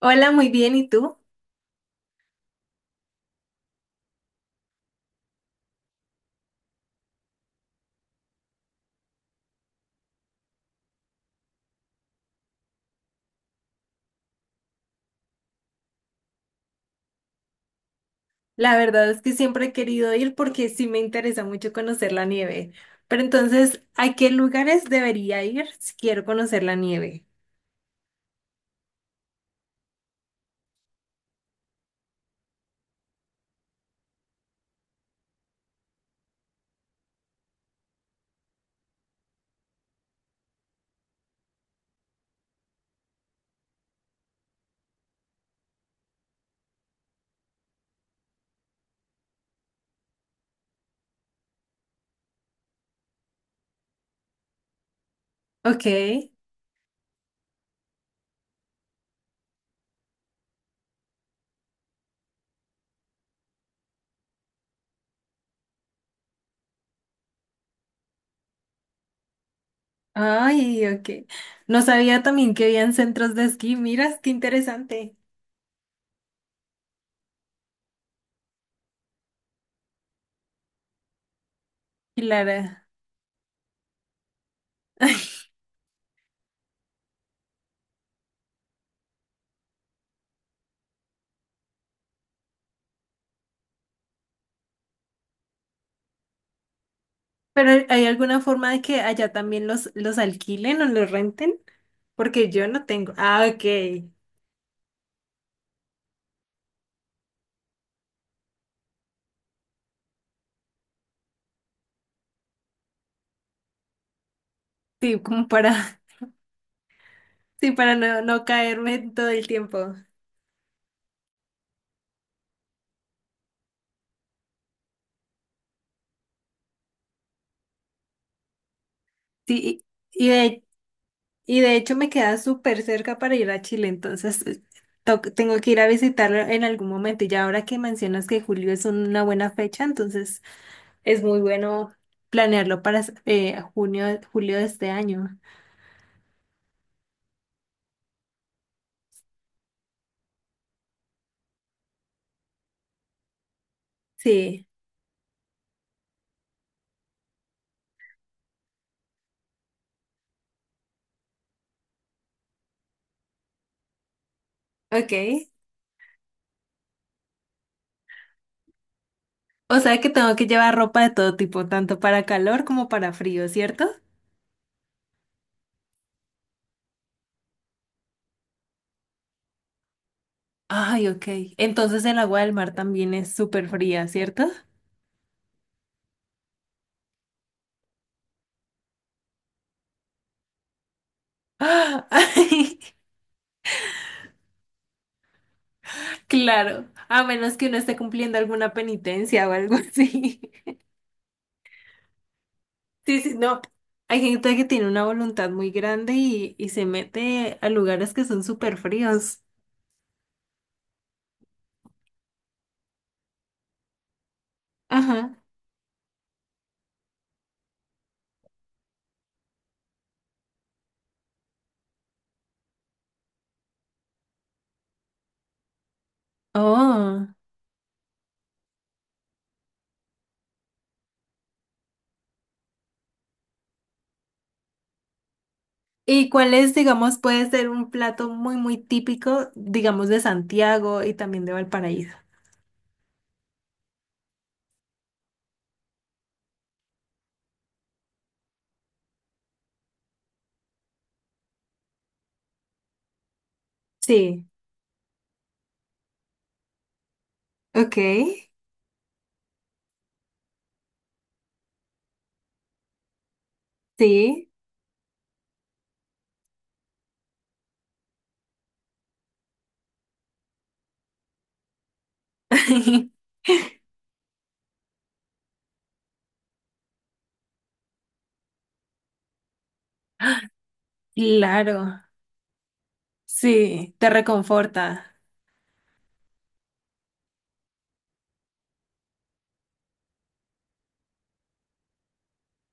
Hola, muy bien. ¿Y tú? La verdad es que siempre he querido ir porque sí me interesa mucho conocer la nieve. Pero entonces, ¿a qué lugares debería ir si quiero conocer la nieve? Ok. Ay, ok. No sabía también que habían centros de esquí. Miras, qué interesante. Clara. Pero ¿hay alguna forma de que allá también los alquilen o los renten? Porque yo no tengo. Ah, ok. Sí, como para, sí, para no, no caerme todo el tiempo. Sí, y, y de Y de hecho me queda súper cerca para ir a Chile, entonces tengo que ir a visitarlo en algún momento. Y ya ahora que mencionas que julio es una buena fecha, entonces es muy bueno planearlo para junio, julio de este año. Sí, ok. O sea que tengo que llevar ropa de todo tipo, tanto para calor como para frío, ¿cierto? Ay, ok. Entonces el agua del mar también es súper fría, ¿cierto? ¡Ah! Ay, claro, a menos que uno esté cumpliendo alguna penitencia o algo así. Sí, sí, no. Hay gente que tiene una voluntad muy grande y se mete a lugares que son súper fríos. Ajá. Oh. ¿Y cuál es, digamos, puede ser un plato muy, muy típico, digamos, de Santiago y también de Valparaíso? Sí. Ok. Sí. Claro. Sí. Te reconforta.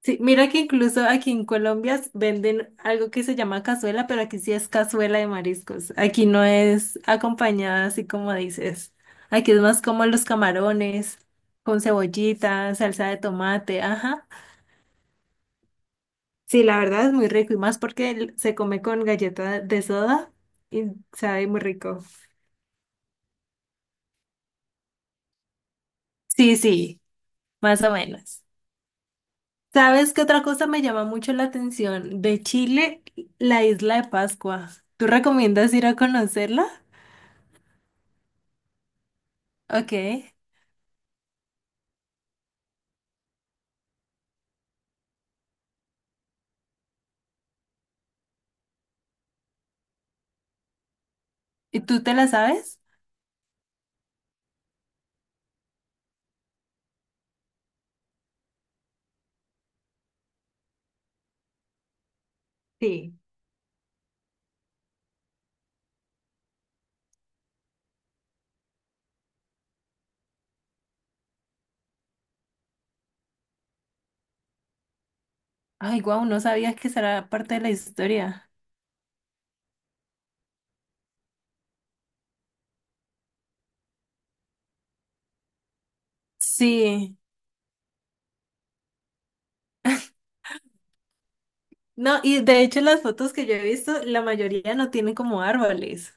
Sí, mira que incluso aquí en Colombia venden algo que se llama cazuela, pero aquí sí es cazuela de mariscos. Aquí no es acompañada así como dices. Aquí es más como los camarones, con cebollita, salsa de tomate, ajá. Sí, la verdad es muy rico y más porque se come con galleta de soda y sabe muy rico. Sí, sí, más o menos. ¿Sabes qué otra cosa me llama mucho la atención? De Chile, la isla de Pascua. ¿Tú recomiendas ir a conocerla? Ok. ¿Y tú te la sabes? Sí. Ay, guau, no sabías que será parte de la historia. Sí. No, y de hecho las fotos que yo he visto, la mayoría no tienen como árboles.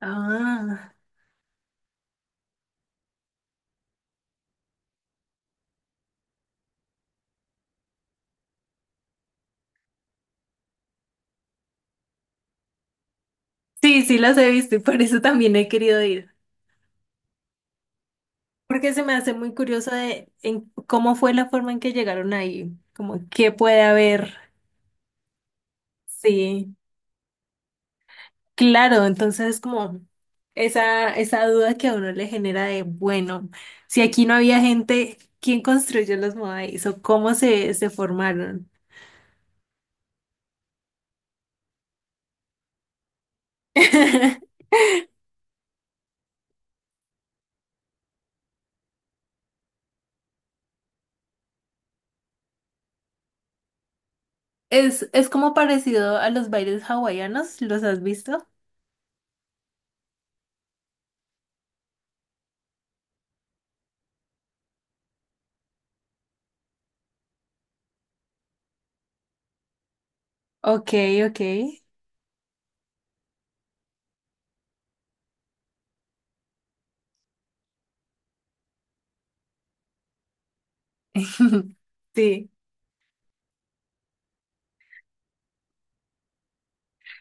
Ah, sí, sí las he visto y por eso también he querido ir. Porque se me hace muy curioso de en cómo fue la forma en que llegaron ahí, como qué puede haber. Sí. Claro, entonces es como esa duda que a uno le genera de, bueno, si aquí no había gente, ¿quién construyó los modáis o cómo se formaron? Es como parecido a los bailes hawaianos, ¿los has visto? Ok, ok. Sí.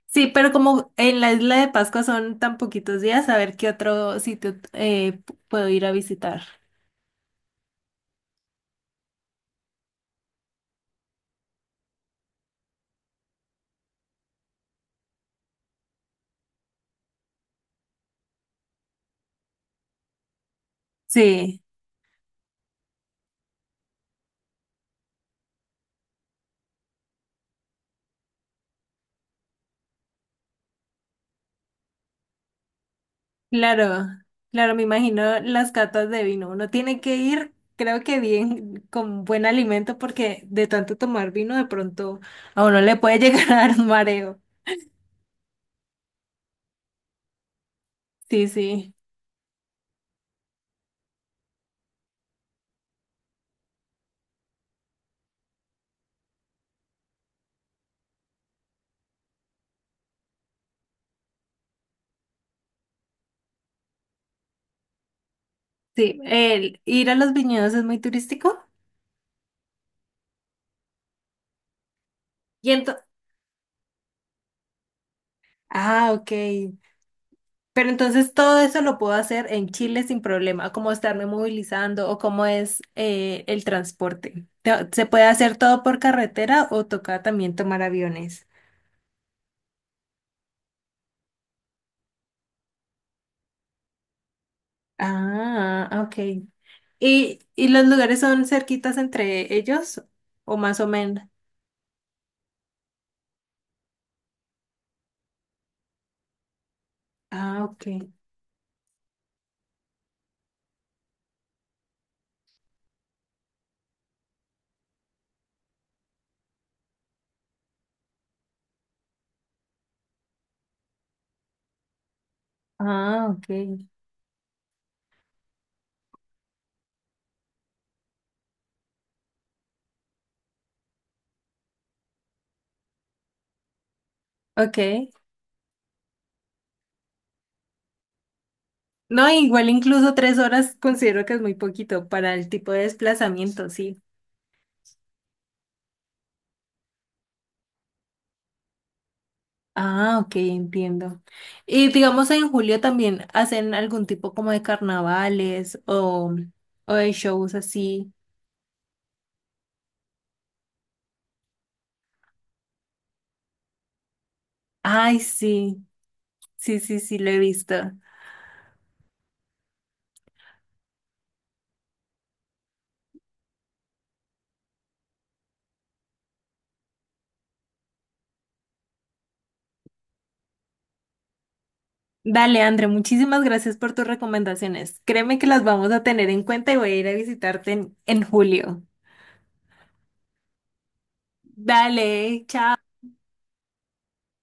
Sí, pero como en la isla de Pascua son tan poquitos días, a ver qué otro sitio puedo ir a visitar. Sí. Claro, claro, me imagino las catas de vino. Uno tiene que ir, creo que bien, con buen alimento, porque de tanto tomar vino, de pronto a uno le puede llegar a dar un mareo. Sí, sí, sí. El ir a los viñedos es muy turístico. Y entonces, ah, ok. Pero entonces todo eso lo puedo hacer en Chile sin problema, como estarme movilizando o cómo es el transporte. ¿Se puede hacer todo por carretera o toca también tomar aviones? Ah, ok. ¿Y los lugares son cerquitas entre ellos? ¿O más o menos? Ah, ok. Ah, ok. Ok. No, igual incluso 3 horas considero que es muy poquito para el tipo de desplazamiento, sí. Ah, ok, entiendo. Y digamos en julio también hacen algún tipo como de carnavales o de shows así. Ay, sí, sí, sí, sí, lo he visto. Dale, André, muchísimas gracias por tus recomendaciones. Créeme que las vamos a tener en cuenta y voy a ir a visitarte en julio. Dale, chao.